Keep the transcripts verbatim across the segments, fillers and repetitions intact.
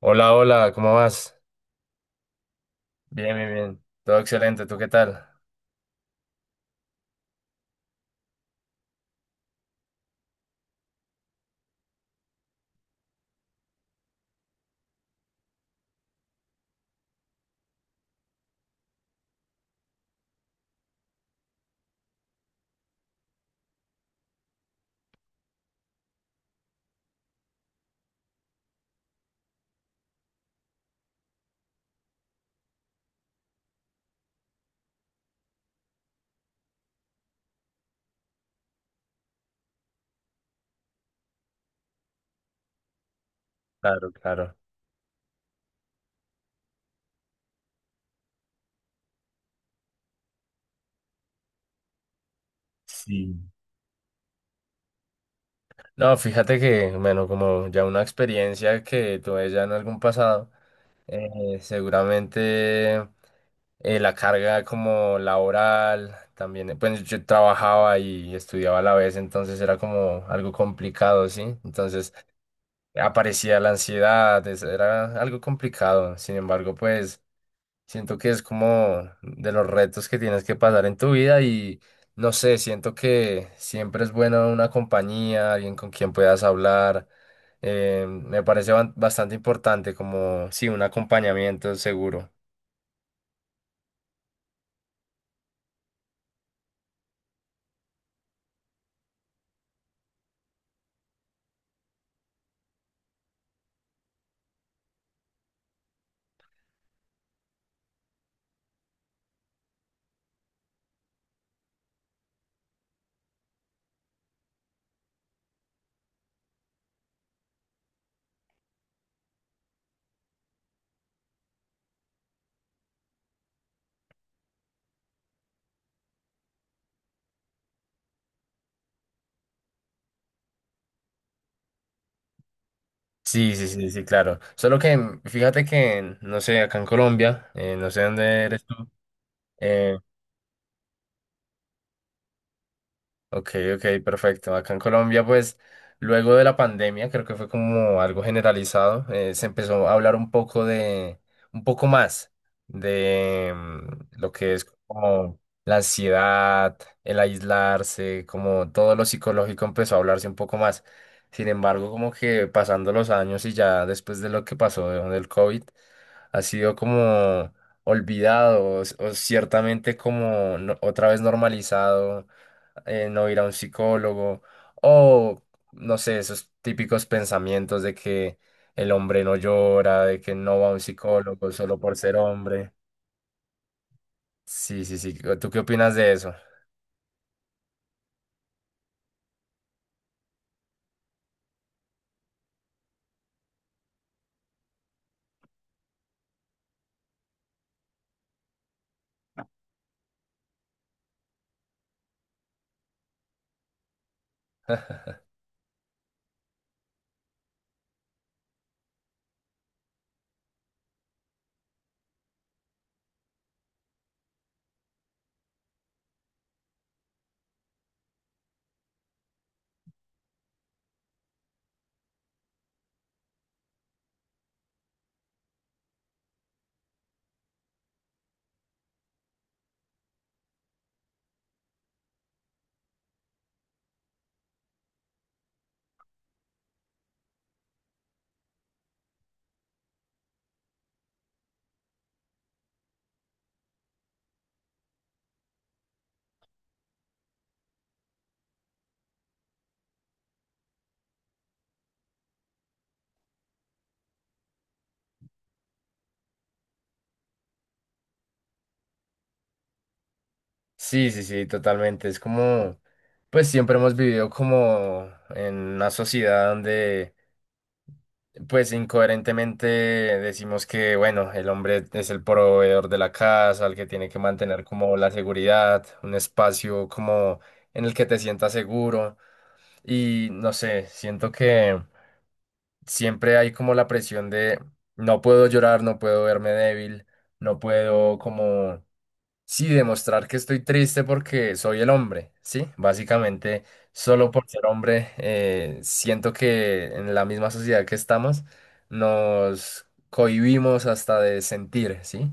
Hola, hola, ¿cómo vas? Bien, bien, bien. Todo excelente, ¿tú qué tal? Claro, claro. Sí. No, fíjate que, bueno, como ya una experiencia que tuve ya en algún pasado, eh, seguramente eh, la carga como laboral, también, eh, pues yo trabajaba y estudiaba a la vez, entonces era como algo complicado, ¿sí? Entonces aparecía la ansiedad, es- era algo complicado, sin embargo, pues... Siento que es como de los retos que tienes que pasar en tu vida y no sé, siento que siempre es bueno una compañía, alguien con quien puedas hablar. Eh, me parece ban- bastante importante como, sí, un acompañamiento seguro. Sí, sí, sí, sí, claro. Solo que mm, fíjate que, no sé, acá en Colombia, eh, no sé dónde eres tú, eh, ok, ok, perfecto. Acá en Colombia, pues, luego de la pandemia, creo que fue como algo generalizado, eh, se empezó a hablar un poco de, un poco más de mm, lo que es como la ansiedad, el aislarse, como todo lo psicológico empezó a hablarse un poco más. Sin embargo, como que pasando los años y ya después de lo que pasó de- del COVID, ha sido como olvidado o, o ciertamente como no- otra vez normalizado eh, no ir a un psicólogo o, no sé, esos típicos pensamientos de que el hombre no llora, de que no va a un psicólogo solo por ser hombre. Sí, sí, sí. ¿Tú qué opinas de eso? Sí, sí, sí, totalmente. Es como, pues siempre hemos vivido como en una sociedad donde, pues incoherentemente decimos que, bueno, el hombre es el proveedor de la casa, el que tiene que mantener como la seguridad, un espacio como en el que te sientas seguro. Y no sé, siento que siempre hay como la presión de no puedo llorar, no puedo verme débil, no puedo como, sí, demostrar que estoy triste porque soy el hombre, ¿sí? Básicamente, solo por ser hombre, eh, siento que en la misma sociedad que estamos nos cohibimos hasta de sentir, ¿sí?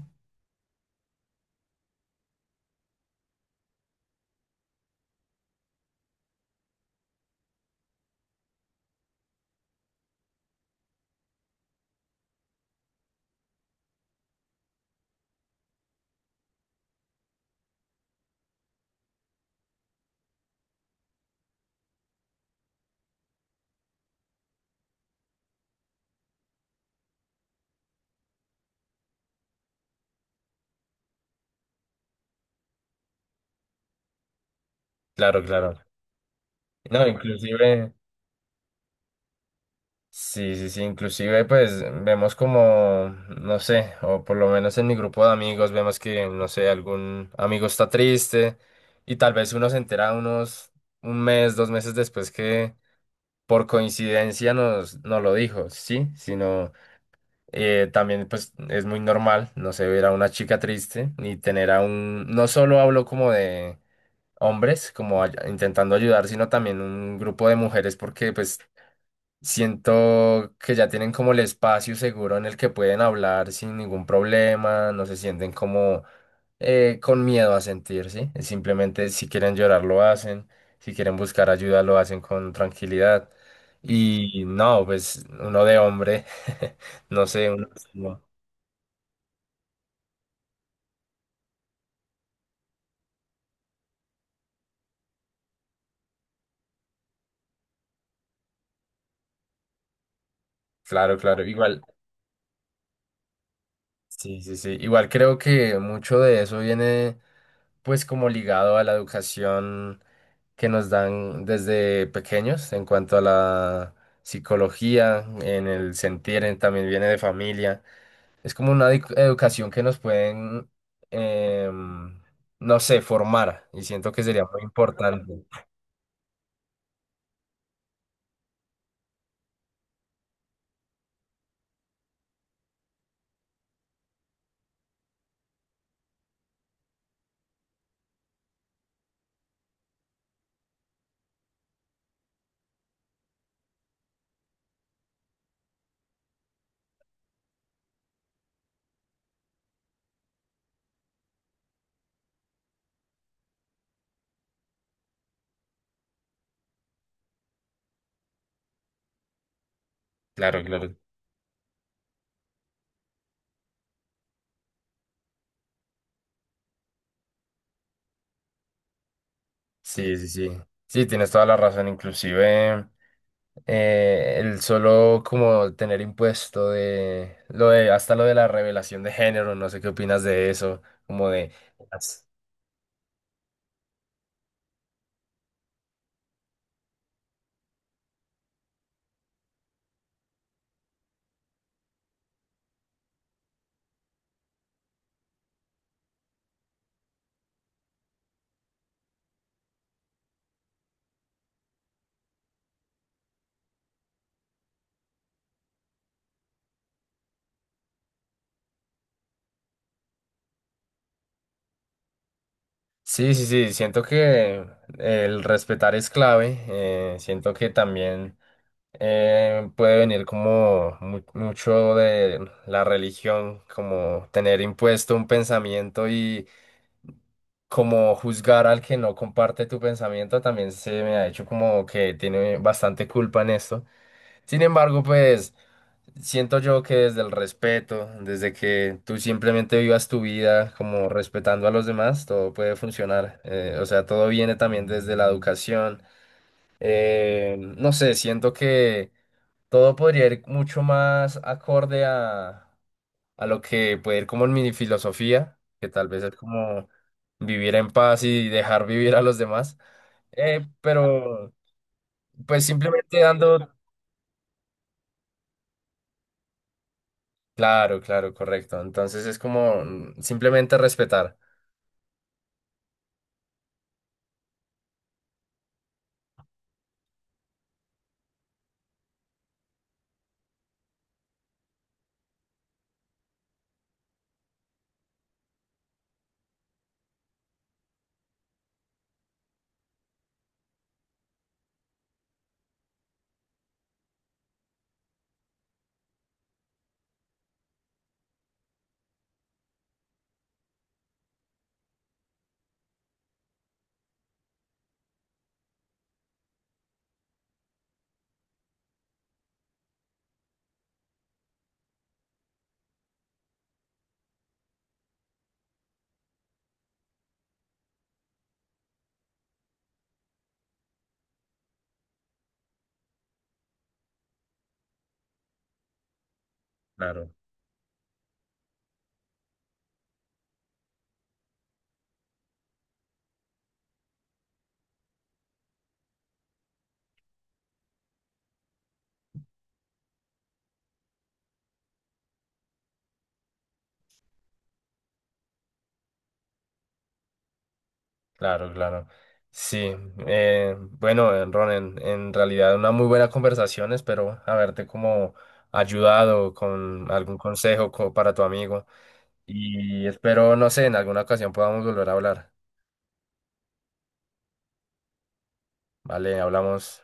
Claro, claro. No, inclusive... Sí, sí, sí, inclusive pues vemos como, no sé, o por lo menos en mi grupo de amigos vemos que, no sé, algún amigo está triste y tal vez uno se entera unos un mes, dos meses después que por coincidencia nos, nos lo dijo, sí, sino eh, también pues es muy normal, no sé, ver a una chica triste y tener a un, no solo hablo como de hombres, como ay- intentando ayudar, sino también un grupo de mujeres porque pues siento que ya tienen como el espacio seguro en el que pueden hablar sin ningún problema, no se sienten como eh, con miedo a sentir, ¿sí? Simplemente si quieren llorar lo hacen, si quieren buscar ayuda lo hacen con tranquilidad. Y no, pues uno de hombre, no sé, uno, no. Claro, claro, igual, sí, sí, sí, igual creo que mucho de eso viene pues como ligado a la educación que nos dan desde pequeños en cuanto a la psicología, en el sentir, en- también viene de familia. Es como una edu- educación que nos pueden, em, no sé, formar y siento que sería muy importante. Claro, claro. Sí, sí, sí. Sí, tienes toda la razón. Inclusive eh, el solo como tener impuesto de lo de hasta lo de la revelación de género, no sé qué opinas de eso, como de sí, sí, sí, siento que el respetar es clave, eh, siento que también eh, puede venir como mu- mucho de la religión, como tener impuesto un pensamiento y como juzgar al que no comparte tu pensamiento, también se me ha hecho como que tiene bastante culpa en esto. Sin embargo, pues siento yo que desde el respeto, desde que tú simplemente vivas tu vida como respetando a los demás, todo puede funcionar. Eh, o sea, todo viene también desde la educación. Eh, no sé, siento que todo podría ir mucho más acorde a, a lo que puede ir como en mi filosofía, que tal vez es como vivir en paz y dejar vivir a los demás. Eh, pero pues simplemente dando claro, claro, correcto. Entonces es como mm, simplemente respetar. Claro, claro, claro. Sí, eh, bueno, eh, Ron, en, en realidad una muy buena conversación. Espero haberte como ayudado con algún consejo co- para tu amigo. Y espero, no sé, en alguna ocasión podamos volver a hablar. Vale, hablamos.